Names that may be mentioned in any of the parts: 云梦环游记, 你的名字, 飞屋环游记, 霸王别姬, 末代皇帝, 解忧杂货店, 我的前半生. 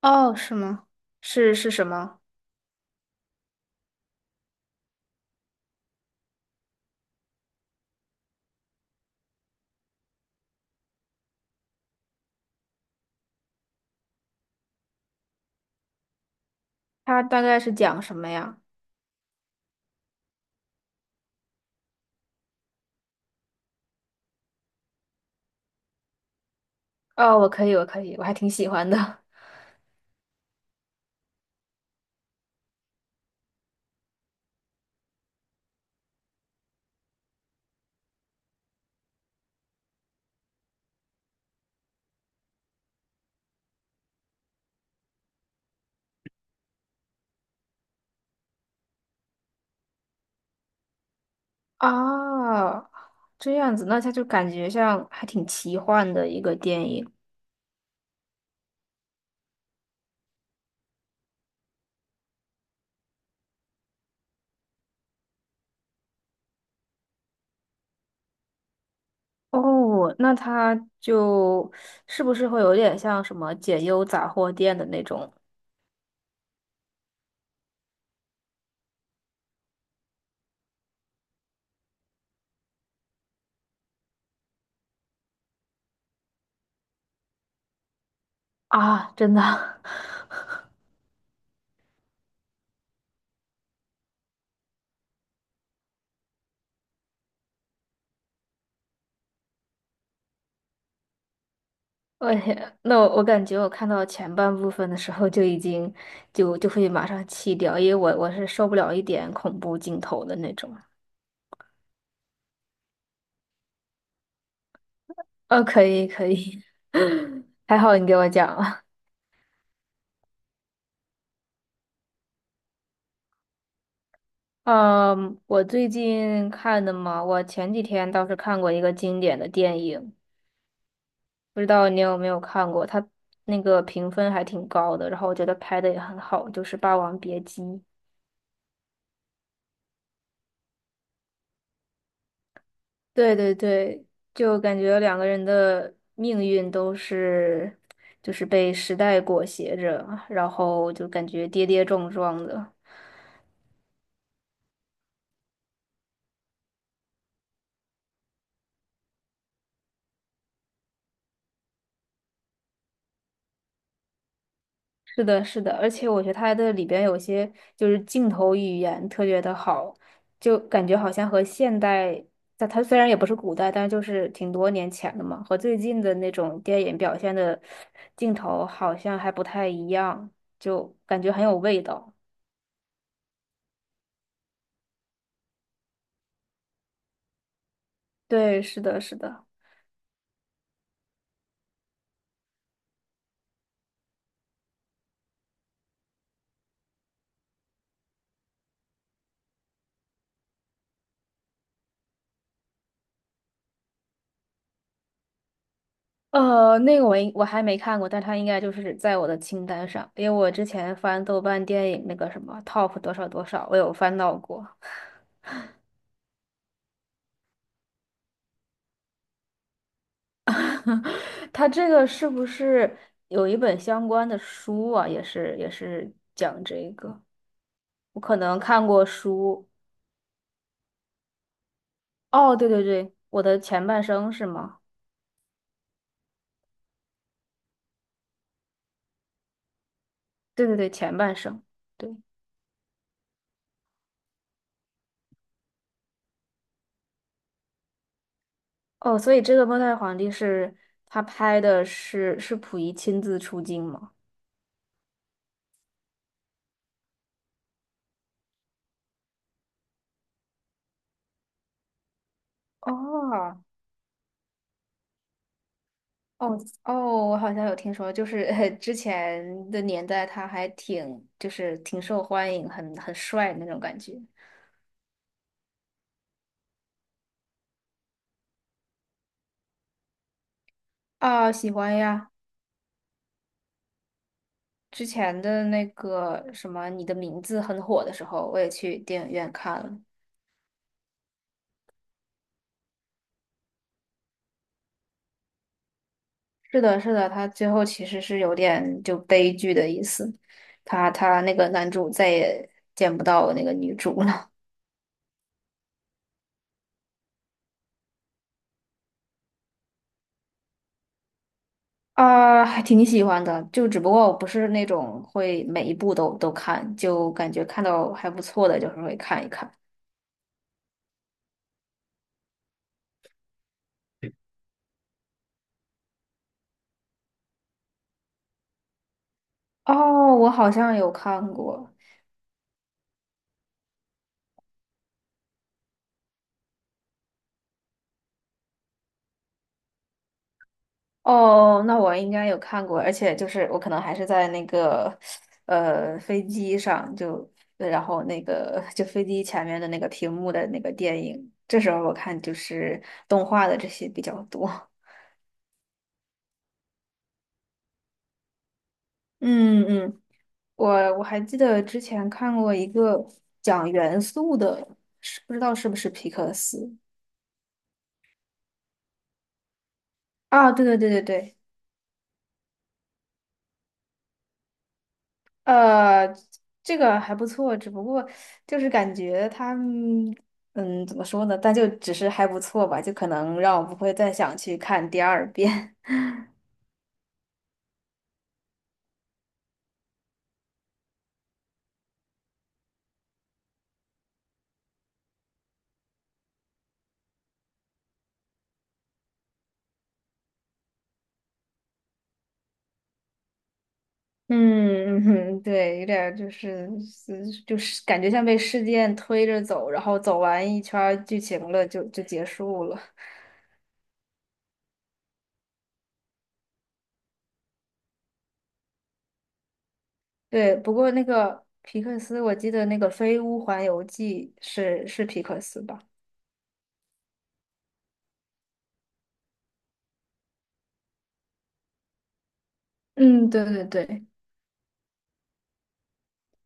哦，是吗？是什么？它大概是讲什么呀？哦，我可以，我可以，我还挺喜欢的。啊，这样子，那它就感觉像还挺奇幻的一个电影。哦，那它就是不是会有点像什么解忧杂货店的那种？啊？真的，我天，那我感觉我看到前半部分的时候就已经就会马上弃掉，因为我是受不了一点恐怖镜头的那种。哦，可以可以，还好你给我讲了。嗯，我最近看的嘛，我前几天倒是看过一个经典的电影，不知道你有没有看过？它那个评分还挺高的，然后我觉得拍的也很好，就是《霸王别姬》。对对对，就感觉两个人的命运都是，就是被时代裹挟着，然后就感觉跌跌撞撞的。是的，是的，而且我觉得它的里边有些就是镜头语言特别的好，就感觉好像和现代，在它虽然也不是古代，但就是挺多年前的嘛，和最近的那种电影表现的镜头好像还不太一样，就感觉很有味道。对，是的，是的。那个我还没看过，但它应该就是在我的清单上，因为我之前翻豆瓣电影那个什么 top 多少多少，我有翻到过。他这个是不是有一本相关的书啊？也是讲这个，我可能看过书。哦，对对对，我的前半生是吗？对对对，前半生。对，哦，所以这个末代皇帝是他拍的是溥仪亲自出镜吗？哦哦哦，我好像有听说，就是 之前的年代他还挺就是挺受欢迎，很帅那种感觉。啊，喜欢呀。之前的那个什么《你的名字》很火的时候，我也去电影院看了。是的，是的，他最后其实是有点就悲剧的意思，他那个男主再也见不到那个女主了。啊，还挺喜欢的，就只不过我不是那种会每一部都看，就感觉看到还不错的，就是会看一看。哦，我好像有看过。哦，那我应该有看过，而且就是我可能还是在那个飞机上，就然后那个就飞机前面的那个屏幕的那个电影，这时候我看就是动画的这些比较多。嗯嗯，我我还记得之前看过一个讲元素的，是不知道是不是皮克斯？啊？对对对对对，呃，这个还不错，只不过就是感觉他们怎么说呢？但就只是还不错吧，就可能让我不会再想去看第二遍。嗯，嗯对，有点儿就是就是感觉像被事件推着走，然后走完一圈儿剧情了，就结束了。对，不过那个皮克斯，我记得那个《飞屋环游记》是皮克斯吧？嗯，对对对。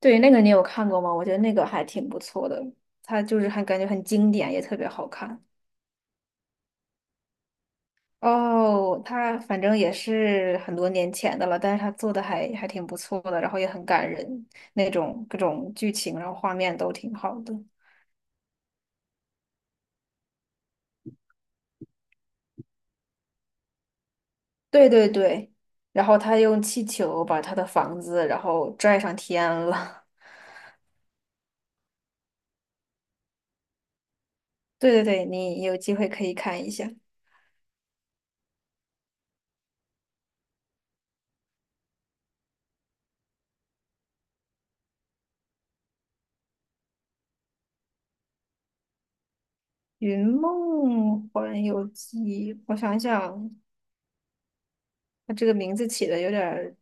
对，那个你有看过吗？我觉得那个还挺不错的，它就是还感觉很经典，也特别好看。哦，它反正也是很多年前的了，但是它做的还挺不错的，然后也很感人，那种各种剧情，然后画面都挺好的。对对对，然后他用气球把他的房子然后拽上天了。对对对，你有机会可以看一下。《云梦环游记》，我想想，他这个名字起的有点儿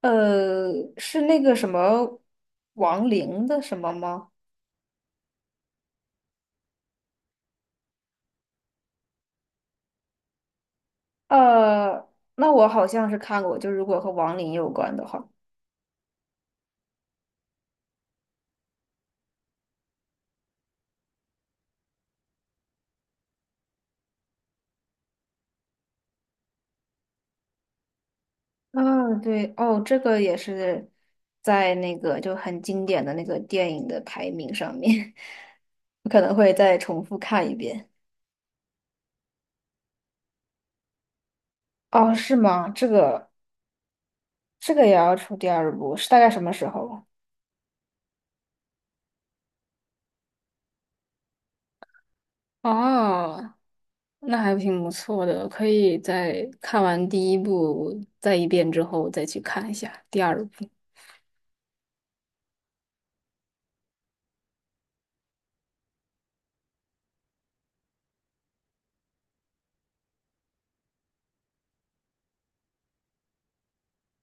呃，是那个什么王林的什么吗？呃，那我好像是看过，就如果和王林有关的话。啊，对，哦，这个也是在那个就很经典的那个电影的排名上面，我可能会再重复看一遍。哦，是吗？这个这个也要出第二部，是大概什么时候？哦，那还挺不错的，可以在看完第一部再一遍之后再去看一下第二部。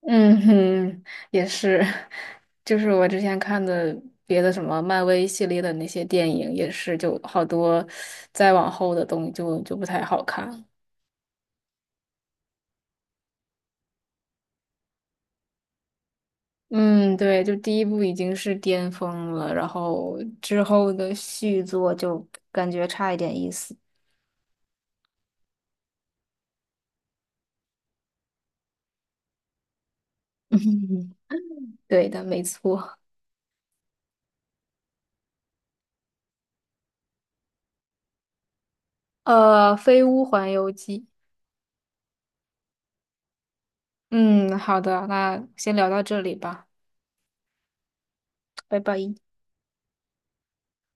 嗯哼，也是，就是我之前看的别的什么漫威系列的那些电影，也是就好多再往后的东西就不太好看。嗯，对，就第一部已经是巅峰了，然后之后的续作就感觉差一点意思。嗯，对的，没错。呃，《飞屋环游记》。嗯，好的，那先聊到这里吧，拜拜。